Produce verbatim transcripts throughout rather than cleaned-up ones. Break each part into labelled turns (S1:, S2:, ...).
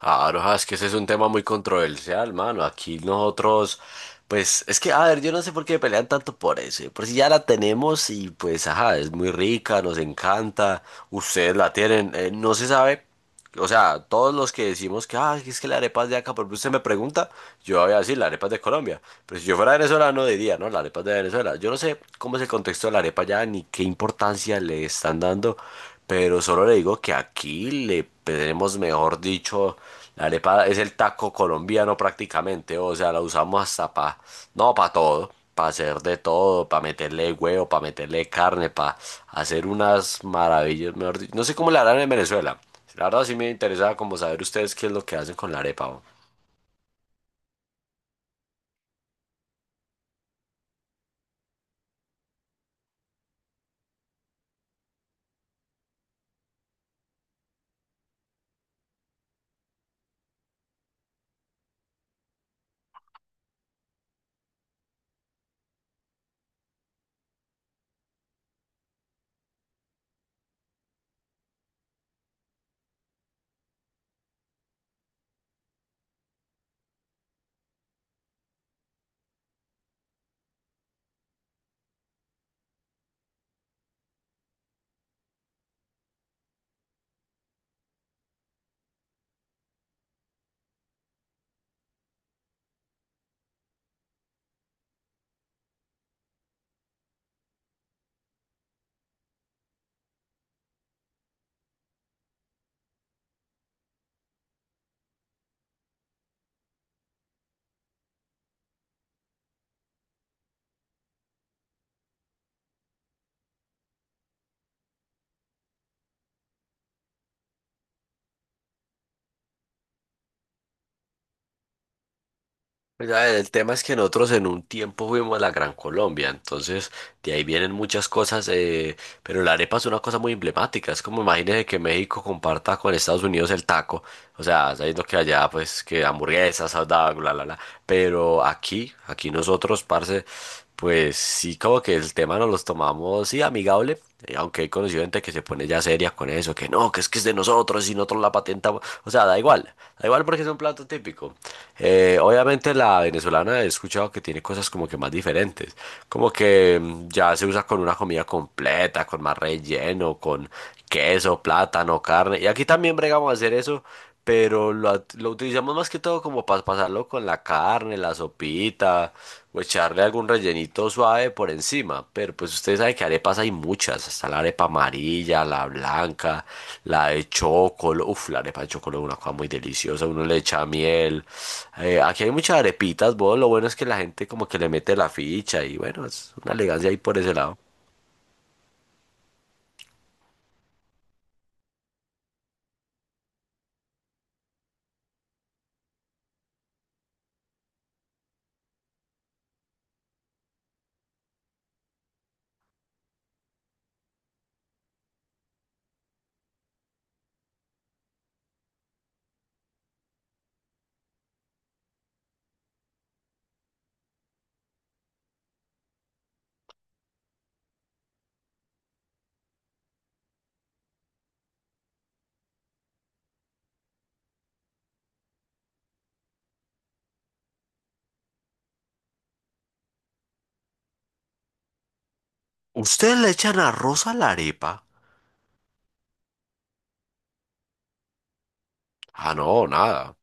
S1: Claro, ah, es que ese es un tema muy controversial, mano. Aquí nosotros, pues, es que, a ver, yo no sé por qué pelean tanto por eso. Por si ya la tenemos y pues, ajá, es muy rica, nos encanta, ustedes la tienen, eh, no se sabe. O sea, todos los que decimos que, ah, es que la arepa es de acá, porque usted me pregunta, yo voy a decir, la arepa es de Colombia. Pero si yo fuera venezolano diría, no, la arepa es de Venezuela. Yo no sé cómo es el contexto de la arepa ya, ni qué importancia le están dando. Pero solo le digo que aquí le tenemos, mejor dicho, la arepa es el taco colombiano prácticamente, o sea, la usamos hasta para, no, para todo, para hacer de todo, para meterle huevo, para meterle carne, para hacer unas maravillas, mejor dicho. No sé cómo la harán en Venezuela. La verdad sí me interesaba como saber ustedes qué es lo que hacen con la arepa. O. Ya, el tema es que nosotros en un tiempo fuimos a la Gran Colombia, entonces de ahí vienen muchas cosas, eh, pero la arepa es una cosa muy emblemática, es como imagínese que México comparta con Estados Unidos el taco, o sea, sabiendo que allá pues que hamburguesas, hot dog, bla, bla, bla, pero aquí, aquí nosotros, parce, pues sí como que el tema nos los tomamos, sí, amigable, eh, aunque he conocido gente que se pone ya seria con eso, que no, que es que es de nosotros y nosotros la patentamos, o sea, da igual, da igual porque es un plato típico. Eh, obviamente la venezolana he escuchado que tiene cosas como que más diferentes, como que mm, ya se usa con una comida completa, con más relleno, con queso, plátano, carne. Y aquí también bregamos a hacer eso, pero lo, at- lo utilizamos más que todo como para pasarlo con la carne, la sopita echarle algún rellenito suave por encima, pero pues ustedes saben que arepas hay muchas, está la arepa amarilla, la blanca, la de chocolate, uff, la arepa de chocolate es una cosa muy deliciosa, uno le echa miel, eh, aquí hay muchas arepitas, vos, lo bueno es que la gente como que le mete la ficha y bueno, es una elegancia ahí por ese lado. ¿Ustedes le echan arroz a la arepa? Ah, no, nada.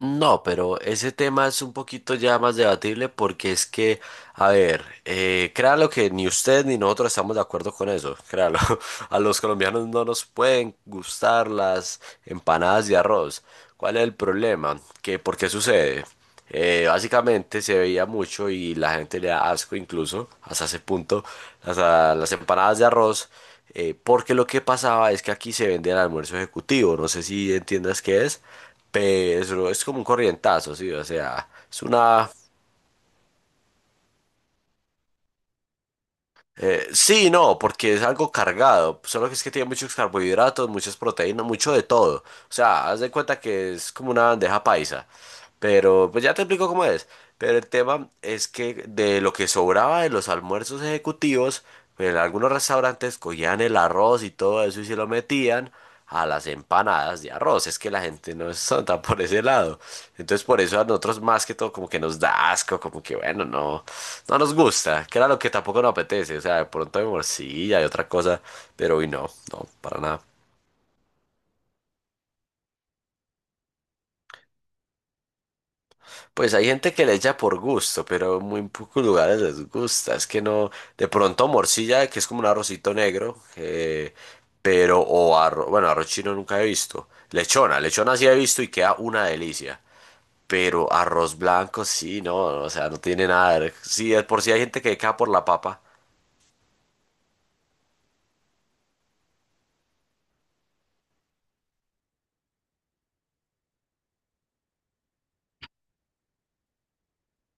S1: No, pero ese tema es un poquito ya más debatible porque es que, a ver, eh, créalo que ni usted ni nosotros estamos de acuerdo con eso, créalo. A los colombianos no nos pueden gustar las empanadas de arroz. ¿Cuál es el problema? ¿Qué, por qué sucede? Eh, básicamente se veía mucho y la gente le da asco incluso, hasta ese punto, las, a- las empanadas de arroz, eh, porque lo que pasaba es que aquí se vende el almuerzo ejecutivo, no sé si entiendas qué es. Pero es como un corrientazo, sí, o sea, es una... eh, sí, no, porque es algo cargado, solo que es que tiene muchos carbohidratos, muchas proteínas, mucho de todo. O sea, haz de cuenta que es como una bandeja paisa, pero pues ya te explico cómo es. Pero el tema es que de lo que sobraba de los almuerzos ejecutivos, pues, en algunos restaurantes cogían el arroz y todo eso y se lo metían a las empanadas de arroz. Es que la gente no es santa por ese lado. Entonces por eso a nosotros más que todo como que nos da asco, como que bueno, no, no nos gusta, que era lo que tampoco nos apetece. O sea, de pronto hay morcilla y otra cosa, pero hoy no, no, para nada. Pues hay gente que le echa por gusto, pero en muy pocos lugares les gusta. Es que no, de pronto morcilla, que es como un arrocito negro, eh, pero o arroz, bueno, arroz chino nunca he visto. Lechona, lechona sí he visto y queda una delicia. Pero arroz blanco sí, no, o sea, no tiene nada. de- Sí, de por si hay gente que queda por la papa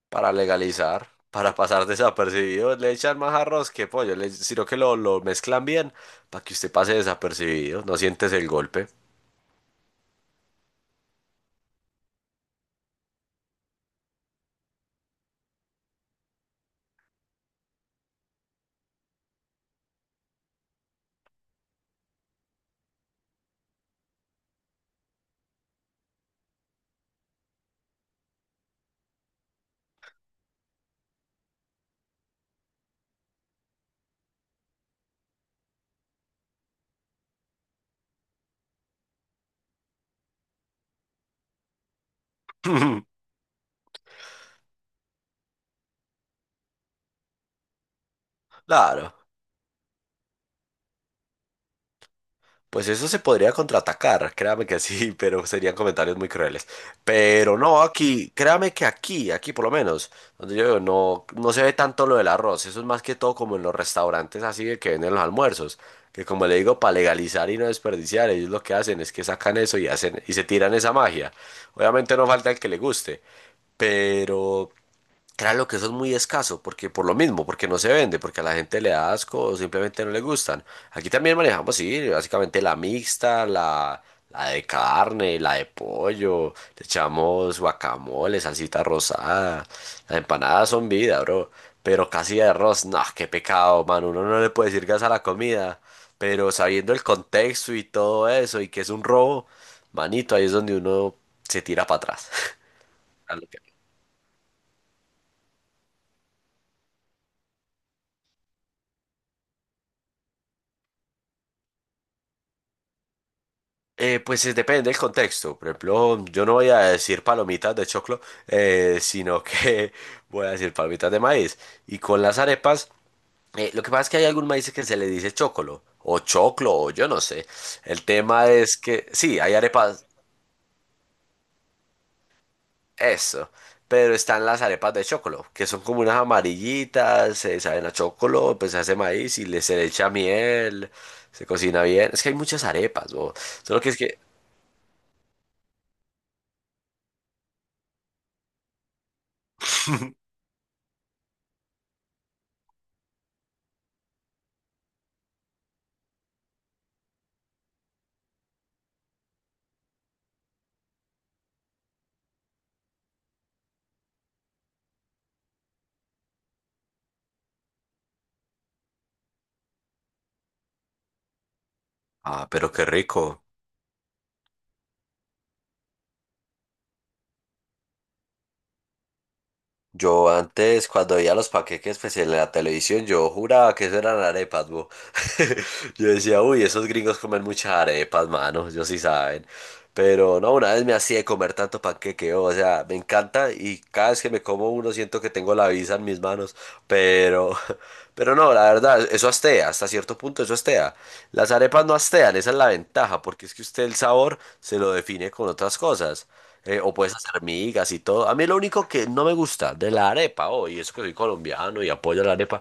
S1: para legalizar, para pasar desapercibido, le echan más arroz que pollo, le- sino que lo, lo mezclan bien para que usted pase desapercibido, no sientes el golpe. Claro. Pues eso se podría contraatacar, créame que sí, pero serían comentarios muy crueles. Pero no, aquí, créame que aquí, aquí por lo menos, donde yo vivo, no, no se ve tanto lo del arroz, eso es más que todo como en los restaurantes así de que venden los almuerzos, que como le digo, para legalizar y no desperdiciar, ellos lo que hacen es que sacan eso y hacen, y se tiran esa magia. Obviamente no falta el que le guste, pero claro que eso es muy escaso, porque por lo mismo, porque no se vende, porque a la gente le da asco o simplemente no le gustan. Aquí también manejamos, sí, básicamente la mixta, la, la de carne, la de pollo, le echamos guacamole, salsita rosada, las empanadas son vida, bro. Pero casi de arroz, no, qué pecado, man, uno no le puede decir gas a la comida, pero sabiendo el contexto y todo eso, y que es un robo, manito, ahí es donde uno se tira para atrás. Eh, pues es- depende del contexto. Por ejemplo, yo no voy a decir palomitas de choclo, eh, sino que voy a decir palomitas de maíz. Y con las arepas, eh, lo que pasa es que hay algún maíz que se le dice chocolo, o choclo, o yo no sé. El tema es que, sí, hay arepas, eso, pero están las arepas de chocolo, que son como unas amarillitas, se saben a chocolo, pues se hace maíz y le se le echa miel, se cocina bien. Es que hay muchas arepas, bo. Solo que es que, ah, pero qué rico. Yo antes, cuando veía los paqueques pues, en la televisión, yo juraba que eso eran arepas, bo. Yo decía, uy, esos gringos comen muchas arepas, mano, ellos sí saben. Pero no, una vez me hacía comer tanto panqueque, o sea, me encanta y cada vez que me como uno siento que tengo la visa en mis manos. Pero, pero no, la verdad, eso astea, hasta cierto punto eso astea. Las arepas no astean, esa es la ventaja, porque es que usted el sabor se lo define con otras cosas. Eh, o puedes hacer migas y todo. A mí lo único que no me gusta de la arepa, oh, y eso que soy colombiano y apoyo la arepa,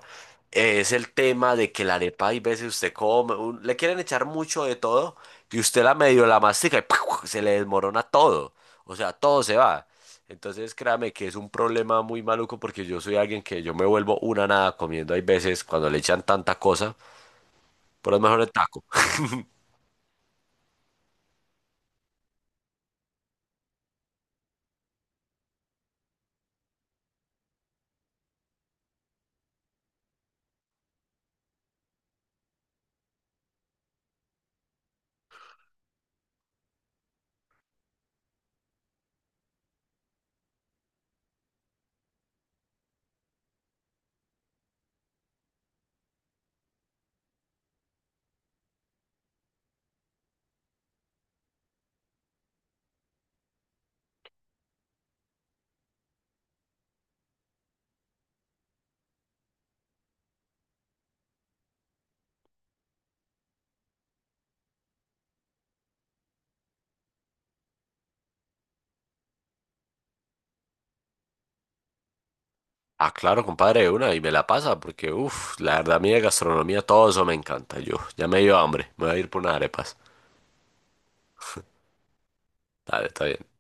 S1: eh, es el tema de que la arepa hay veces usted come, un- le quieren echar mucho de todo y usted la medio la mastica y se le desmorona todo. O sea, todo se va. Entonces créame que es un problema muy maluco porque yo soy alguien que yo me vuelvo una nada comiendo. Hay veces cuando le echan tanta cosa, por lo mejor el taco. Ah, claro, compadre, de una, y me la pasa, porque, uff, la verdad, a mí de gastronomía todo eso me encanta. Yo, ya me dio hambre, me voy a ir por unas arepas. Dale, está bien.